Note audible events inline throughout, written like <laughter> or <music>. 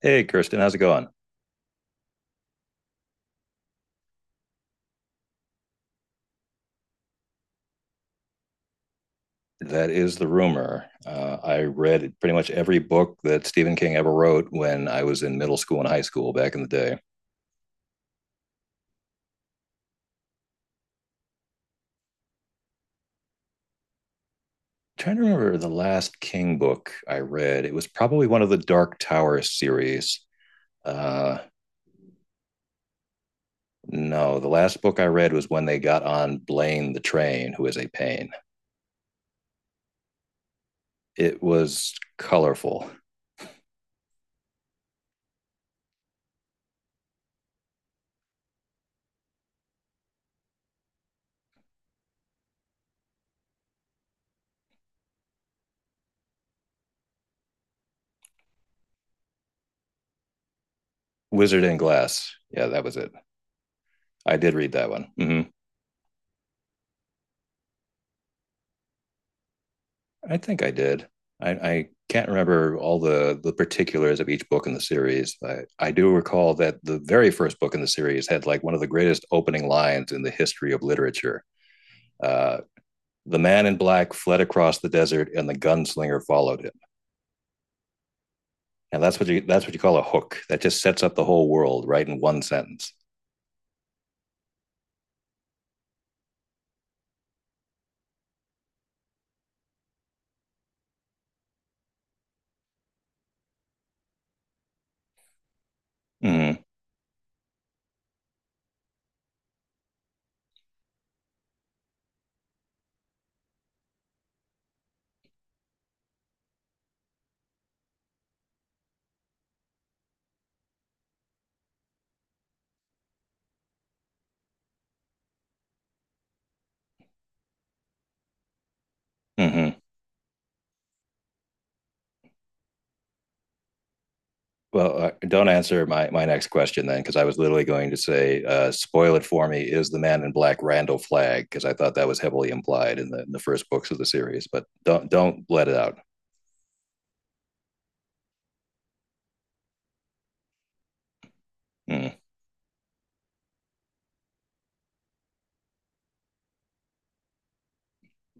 Hey, Kirsten, how's it going? That is the rumor. I read pretty much every book that Stephen King ever wrote when I was in middle school and high school back in the day. Trying to remember the last King book I read. It was probably one of the Dark Tower series. Uh, no, the last book I read was when they got on Blaine the Train, who is a pain. It was colorful. Wizard in Glass. Yeah, that was it. I did read that one. Hmm. I think I did. I can't remember all the particulars of each book in the series. I do recall that the very first book in the series had like one of the greatest opening lines in the history of literature. Uh, the man in black fled across the desert, and the gunslinger followed him. And that's what you, that's what you call a hook. That just sets up the whole world right in one sentence. Mm-hmm. Mm-hmm. Well, don't answer my next question then, because I was literally going to say, spoil it for me. Is the man in black Randall Flagg? Because I thought that was heavily implied in the first books of the series, but don't let it out. Mm.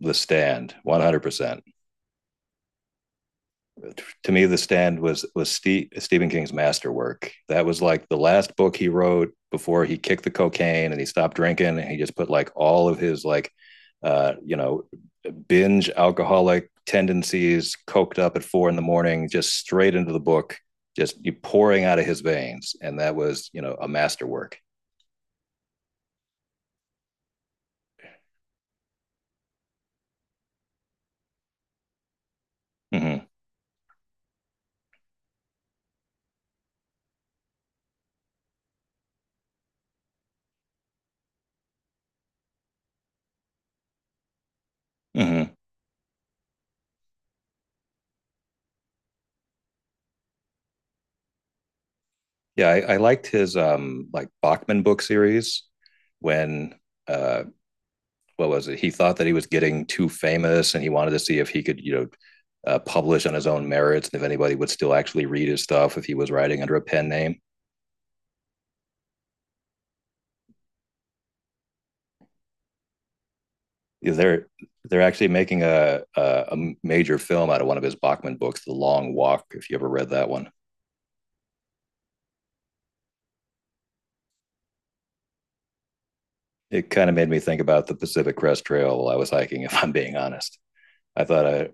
The Stand, 100%. To me, The Stand was Stephen King's masterwork. That was like the last book he wrote before he kicked the cocaine and he stopped drinking, and he just put like all of his like uh, you know, binge alcoholic tendencies, coked up at four in the morning, just straight into the book, just pouring out of his veins. And that was, a masterwork. Mm-hmm. Mm-hmm. Yeah, I liked his like Bachman book series when uh what was it? He thought that he was getting too famous and he wanted to see if he could, publish on his own merits and if anybody would still actually read his stuff if he was writing under a pen name. they're they're actually making a major film out of one of his Bachman books, The Long Walk. If you ever read that one, it kind of made me think about the Pacific Crest Trail while I was hiking. <laughs> If I'm being honest, I thought I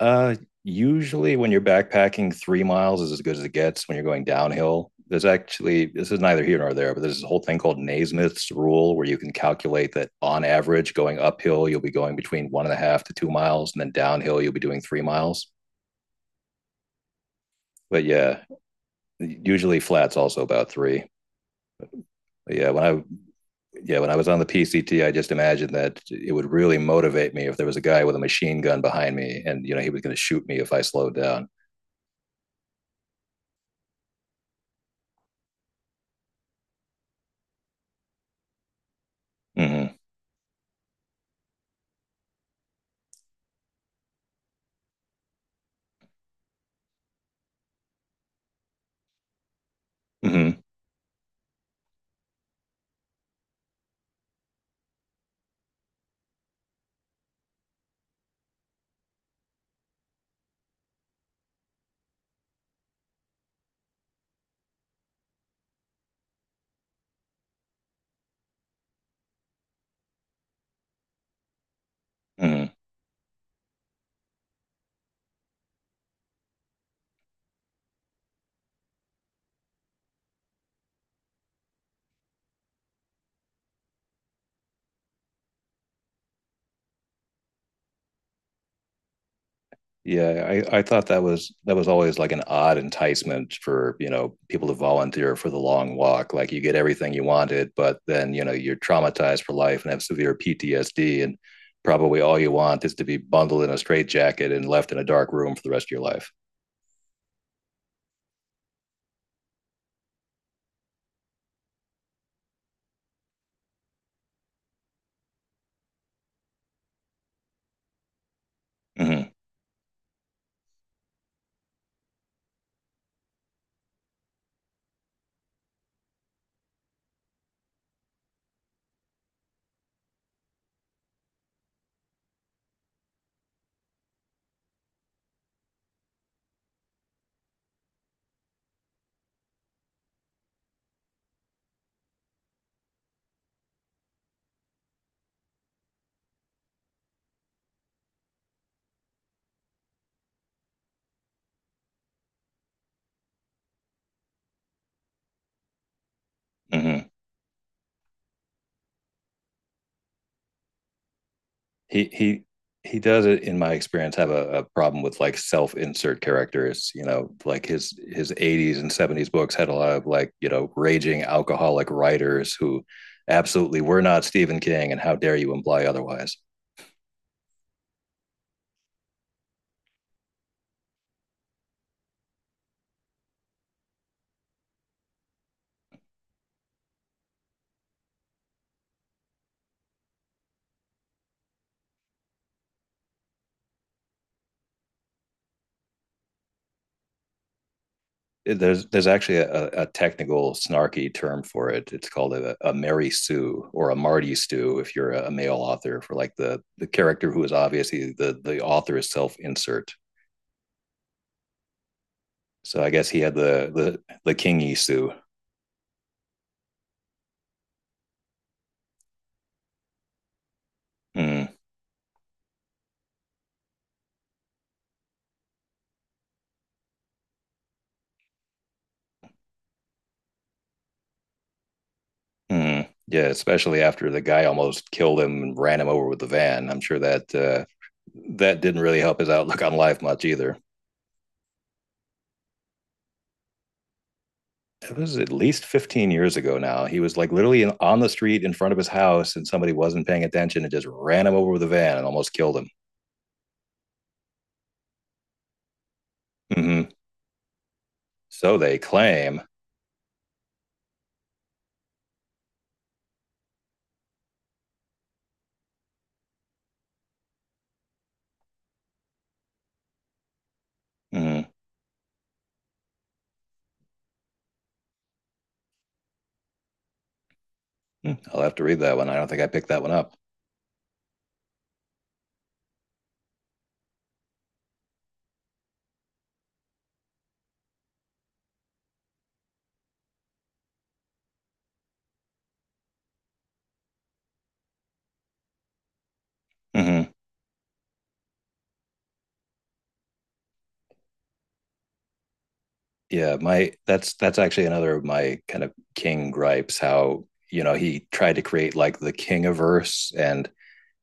uh, usually when you're backpacking, 3 miles is as good as it gets when you're going downhill. There's actually, this is neither here nor there, but there's this whole thing called Naismith's rule where you can calculate that on average, going uphill you'll be going between one and a half to 2 miles, and then downhill you'll be doing 3 miles. But yeah, usually flat's also about three. But yeah, when I yeah, when I was on the PCT, I just imagined that it would really motivate me if there was a guy with a machine gun behind me, and you know he was going to shoot me if I slowed down. Mm-hmm, mm-hmm, mm-hmm. Yeah, I thought that was, that was always like an odd enticement for you know people to volunteer for the long walk. Like you get everything you wanted, but then you know you're traumatized for life and have severe PTSD, and probably all you want is to be bundled in a straitjacket and left in a dark room for the rest of your life. Mm-hmm. Mm-hmm. He he he does, it in my experience, have a problem with like self insert characters, you know, like his 80s and 70s books had a lot of like, you know, raging alcoholic writers who absolutely were not Stephen King, and how dare you imply otherwise. There's actually a technical snarky term for it, it's called a Mary Sue, or a Marty Stew if you're a male author, for like the character who is obviously, the author is self insert, so I guess he had the kingy sue. Mm, mm. Yeah, especially after the guy almost killed him and ran him over with the van. I'm sure that that didn't really help his outlook on life much either. It was at least 15 years ago now. He was like literally in, on the street in front of his house, and somebody wasn't paying attention and just ran him over with a van and almost killed him. Hmm. So they claim. Mm-hmm. Hmm. I'll have to read that one. I don't think I picked that one up. Hmm. Yeah, my that's actually another of my kind of King gripes. How, you know, he tried to create like the king of verse and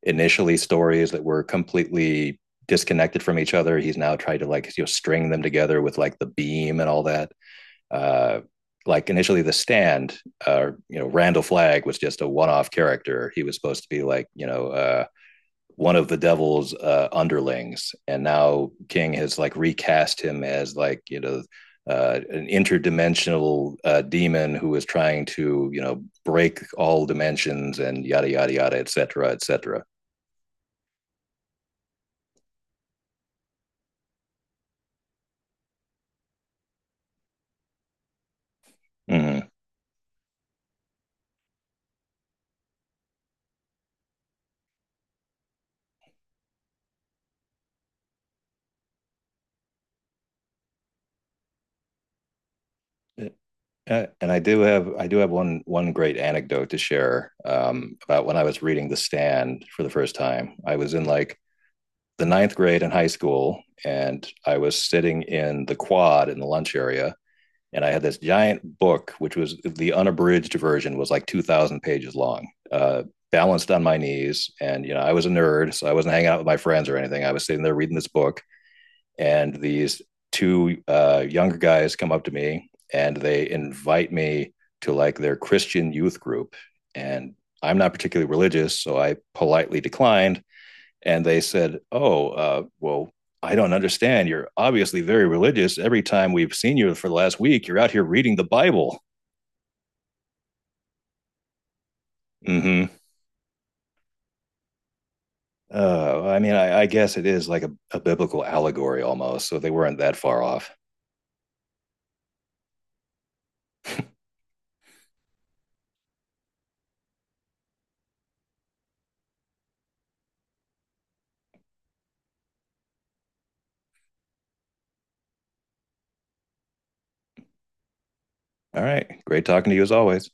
initially stories that were completely disconnected from each other. He's now tried to like, you know, string them together with like the beam and all that. Uh like initially The Stand, you know, Randall Flagg was just a one-off character. He was supposed to be like, you know, one of the devil's underlings, and now King has like recast him as like, you know, an interdimensional demon who is trying to, you know, break all dimensions and yada yada yada etc etc. Mm-hmm. And I do have one, one great anecdote to share about when I was reading The Stand for the first time. I was in like the ninth grade in high school, and I was sitting in the quad in the lunch area, and I had this giant book, which was the unabridged version, was like 2,000 pages long, balanced on my knees. And you know, I was a nerd, so I wasn't hanging out with my friends or anything. I was sitting there reading this book, and these two younger guys come up to me and they invite me to like their Christian youth group, and I'm not particularly religious, so I politely declined, and they said, "Oh, well, I don't understand. You're obviously very religious. Every time we've seen you for the last week, you're out here reading the Bible." Mm-hmm. I mean, I guess it is like a biblical allegory almost. So they weren't that far off. All right, great talking to you as always.